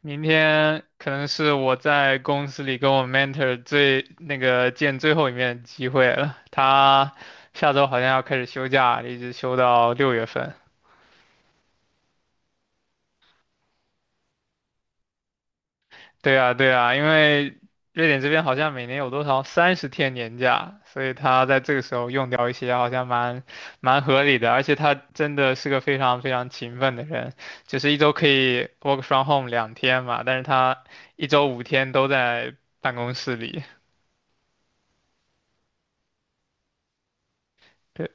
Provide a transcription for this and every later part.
明天可能是我在公司里跟我 mentor 最那个见最后一面的机会了。他下周好像要开始休假，一直休到六月份。对啊，对啊，因为瑞典这边好像每年有多少三十天年假，所以他在这个时候用掉一些，好像蛮合理的。而且他真的是个非常非常勤奋的人，就是一周可以 work from home 两天嘛，但是他一周五天都在办公室里。对。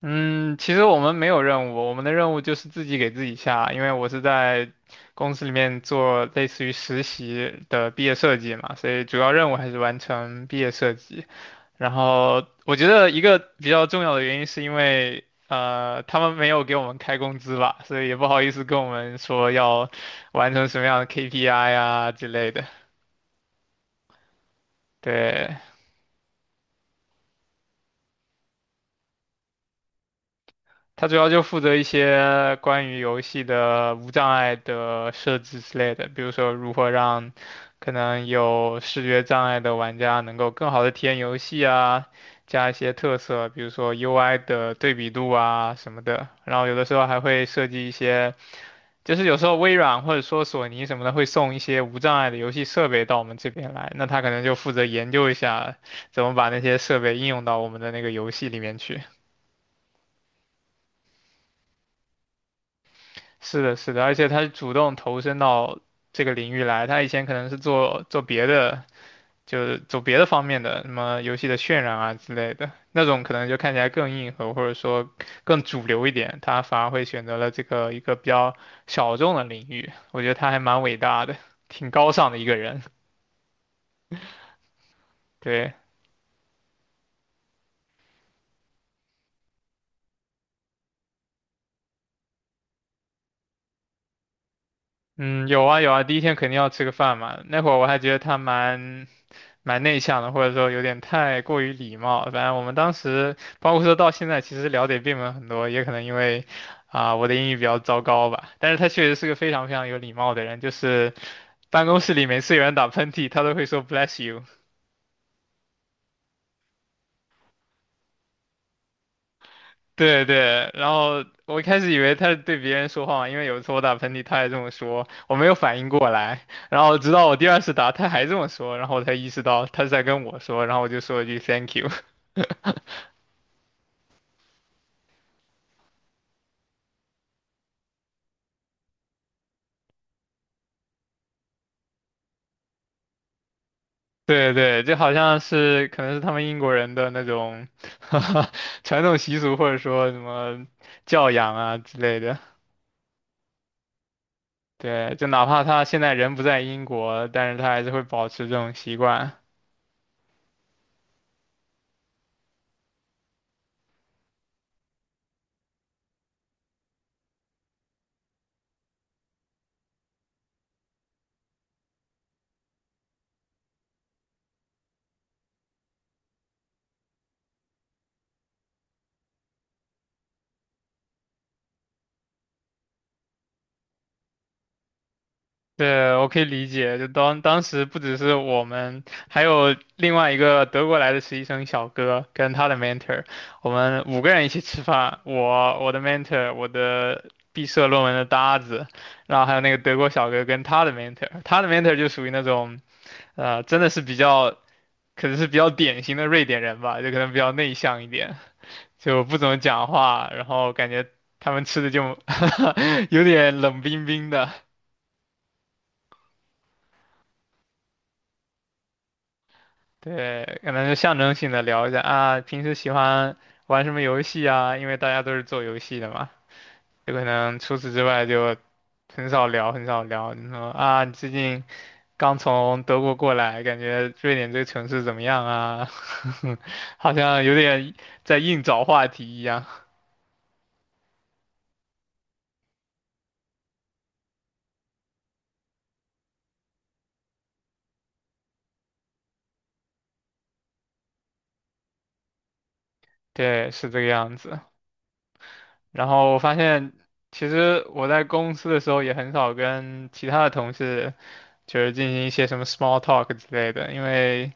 嗯，其实我们没有任务，我们的任务就是自己给自己下，因为我是在公司里面做类似于实习的毕业设计嘛，所以主要任务还是完成毕业设计。然后我觉得一个比较重要的原因是因为，他们没有给我们开工资吧，所以也不好意思跟我们说要完成什么样的 KPI 啊之类的。对，它主要就负责一些关于游戏的无障碍的设置之类的，比如说如何让可能有视觉障碍的玩家能够更好的体验游戏啊，加一些特色，比如说 UI 的对比度啊什么的。然后有的时候还会设计一些，就是有时候微软或者说索尼什么的会送一些无障碍的游戏设备到我们这边来，那他可能就负责研究一下怎么把那些设备应用到我们的那个游戏里面去。是的，是的，而且他是主动投身到这个领域来，他以前可能是做做别的，就是走别的方面的，什么游戏的渲染啊之类的，那种可能就看起来更硬核，或者说更主流一点，他反而会选择了这个一个比较小众的领域，我觉得他还蛮伟大的，挺高尚的一个人。对，嗯，有啊有啊，第一天肯定要吃个饭嘛，那会儿我还觉得他蛮内向的，或者说有点太过于礼貌。反正我们当时，包括说到现在，其实聊的并没有很多，也可能因为我的英语比较糟糕吧。但是他确实是个非常非常有礼貌的人，就是办公室里每次有人打喷嚏，他都会说 bless you。对对，然后我一开始以为他是对别人说话嘛，因为有一次我打喷嚏，他也这么说，我没有反应过来，然后直到我第二次打，他还这么说，然后我才意识到他是在跟我说，然后我就说了一句 thank you。对对，就好像是可能是他们英国人的那种 传统习俗，或者说什么教养啊之类的。对，就哪怕他现在人不在英国，但是他还是会保持这种习惯。对，我可以理解。就当时不只是我们，还有另外一个德国来的实习生小哥跟他的 mentor,我们五个人一起吃饭。我的 mentor、我的毕设论文的搭子，然后还有那个德国小哥跟他的 mentor,他的 mentor 就属于那种真的是比较可能是比较典型的瑞典人吧，就可能比较内向一点，就不怎么讲话，然后感觉他们吃的就 有点冷冰冰的。对，可能就象征性的聊一下啊，平时喜欢玩什么游戏啊？因为大家都是做游戏的嘛，有可能除此之外就很少聊，很少聊。你说啊，你最近刚从德国过来，感觉瑞典这个城市怎么样啊？好像有点在硬找话题一样。对，是这个样子。然后我发现，其实我在公司的时候也很少跟其他的同事，就是进行一些什么 small talk 之类的，因为。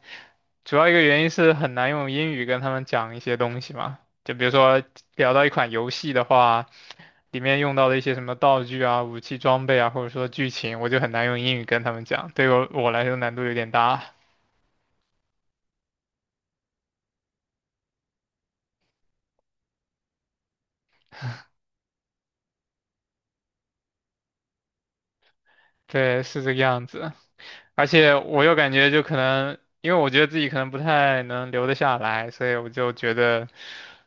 主要一个原因是很难用英语跟他们讲一些东西嘛，就比如说聊到一款游戏的话，里面用到的一些什么道具啊、武器装备啊，或者说剧情，我就很难用英语跟他们讲，对我来说难度有点大。对，是这个样子。而且我又感觉就可能，因为我觉得自己可能不太能留得下来，所以我就觉得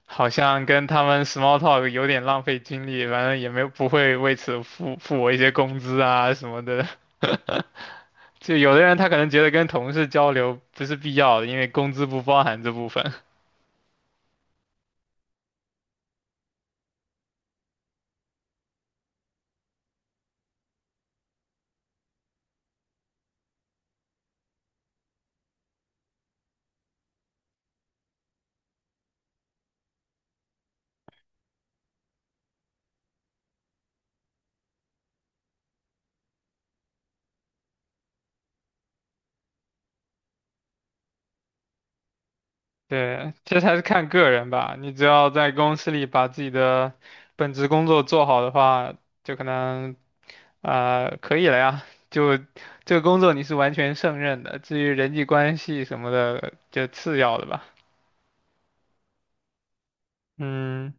好像跟他们 small talk 有点浪费精力，反正也没有不会为此付我一些工资啊什么的。就有的人他可能觉得跟同事交流不是必要的，因为工资不包含这部分。对，这实还是看个人吧。你只要在公司里把自己的本职工作做好的话，就可能啊可以了呀。就这个工作你是完全胜任的，至于人际关系什么的，就次要的吧。嗯，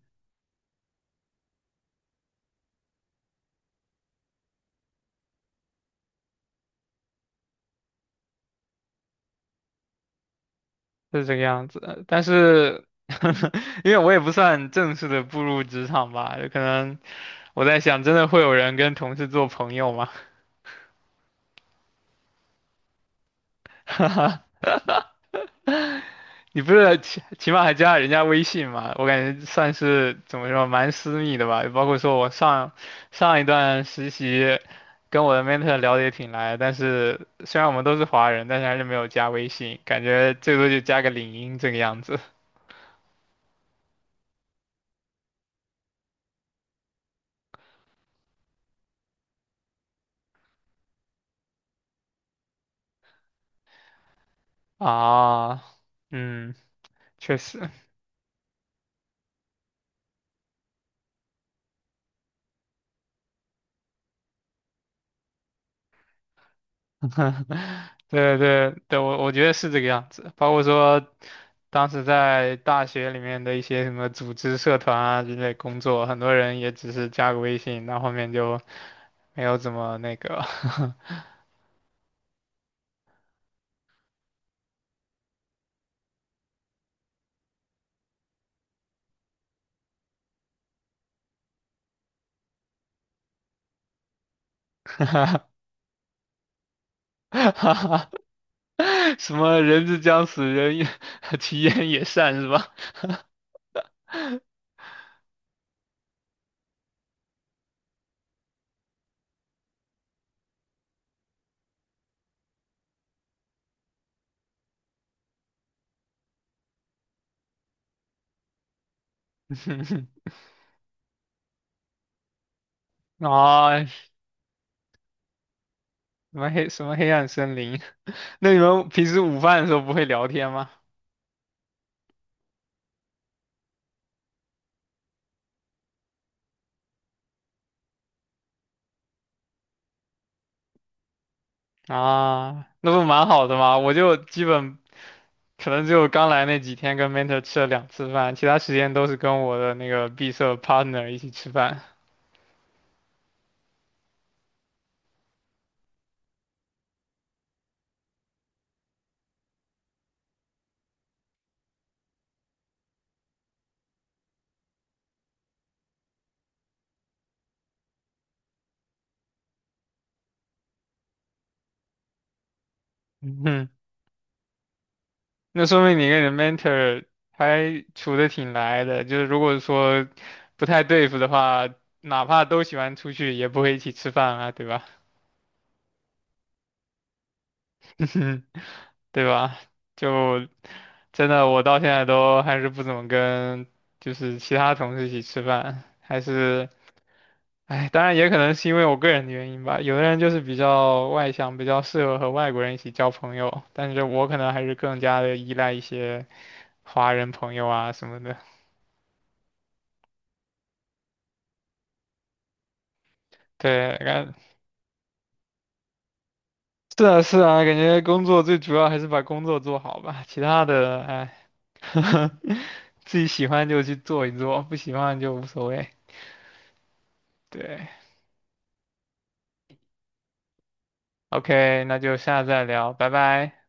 是这个样子的但是 因为我也不算正式的步入职场吧，有可能我在想，真的会有人跟同事做朋友吗？你不是起码还加了人家微信嘛？我感觉算是怎么说，蛮私密的吧。包括说我上一段实习，跟我的 mentor 聊得也挺来，但是虽然我们都是华人，但是还是没有加微信，感觉最多就加个领英这个样子啊。嗯，确实，对对对，我我觉得是这个样子，包括说当时在大学里面的一些什么组织、社团啊之类工作，很多人也只是加个微信，那后面就没有怎么那个，什么人之将死，人也 其言也善是吧？啊，什么黑什么黑暗森林？那你们平时午饭的时候不会聊天吗？啊，那不蛮好的吗？我就基本可能只有刚来那几天跟 mentor 吃了两次饭，其他时间都是跟我的那个闭塞 partner 一起吃饭。嗯哼，那说明你跟你的 mentor 还处的挺来的，就是如果说不太对付的话，哪怕都喜欢出去，也不会一起吃饭啊，对吧？对吧？就真的，我到现在都还是不怎么跟就是其他同事一起吃饭，还是哎，当然也可能是因为我个人的原因吧。有的人就是比较外向，比较适合和外国人一起交朋友，但是我可能还是更加的依赖一些华人朋友啊什么的。对，是啊是啊，感觉工作最主要还是把工作做好吧，其他的哎，自己喜欢就去做一做，不喜欢就无所谓。对，OK,那就下次再聊，拜拜。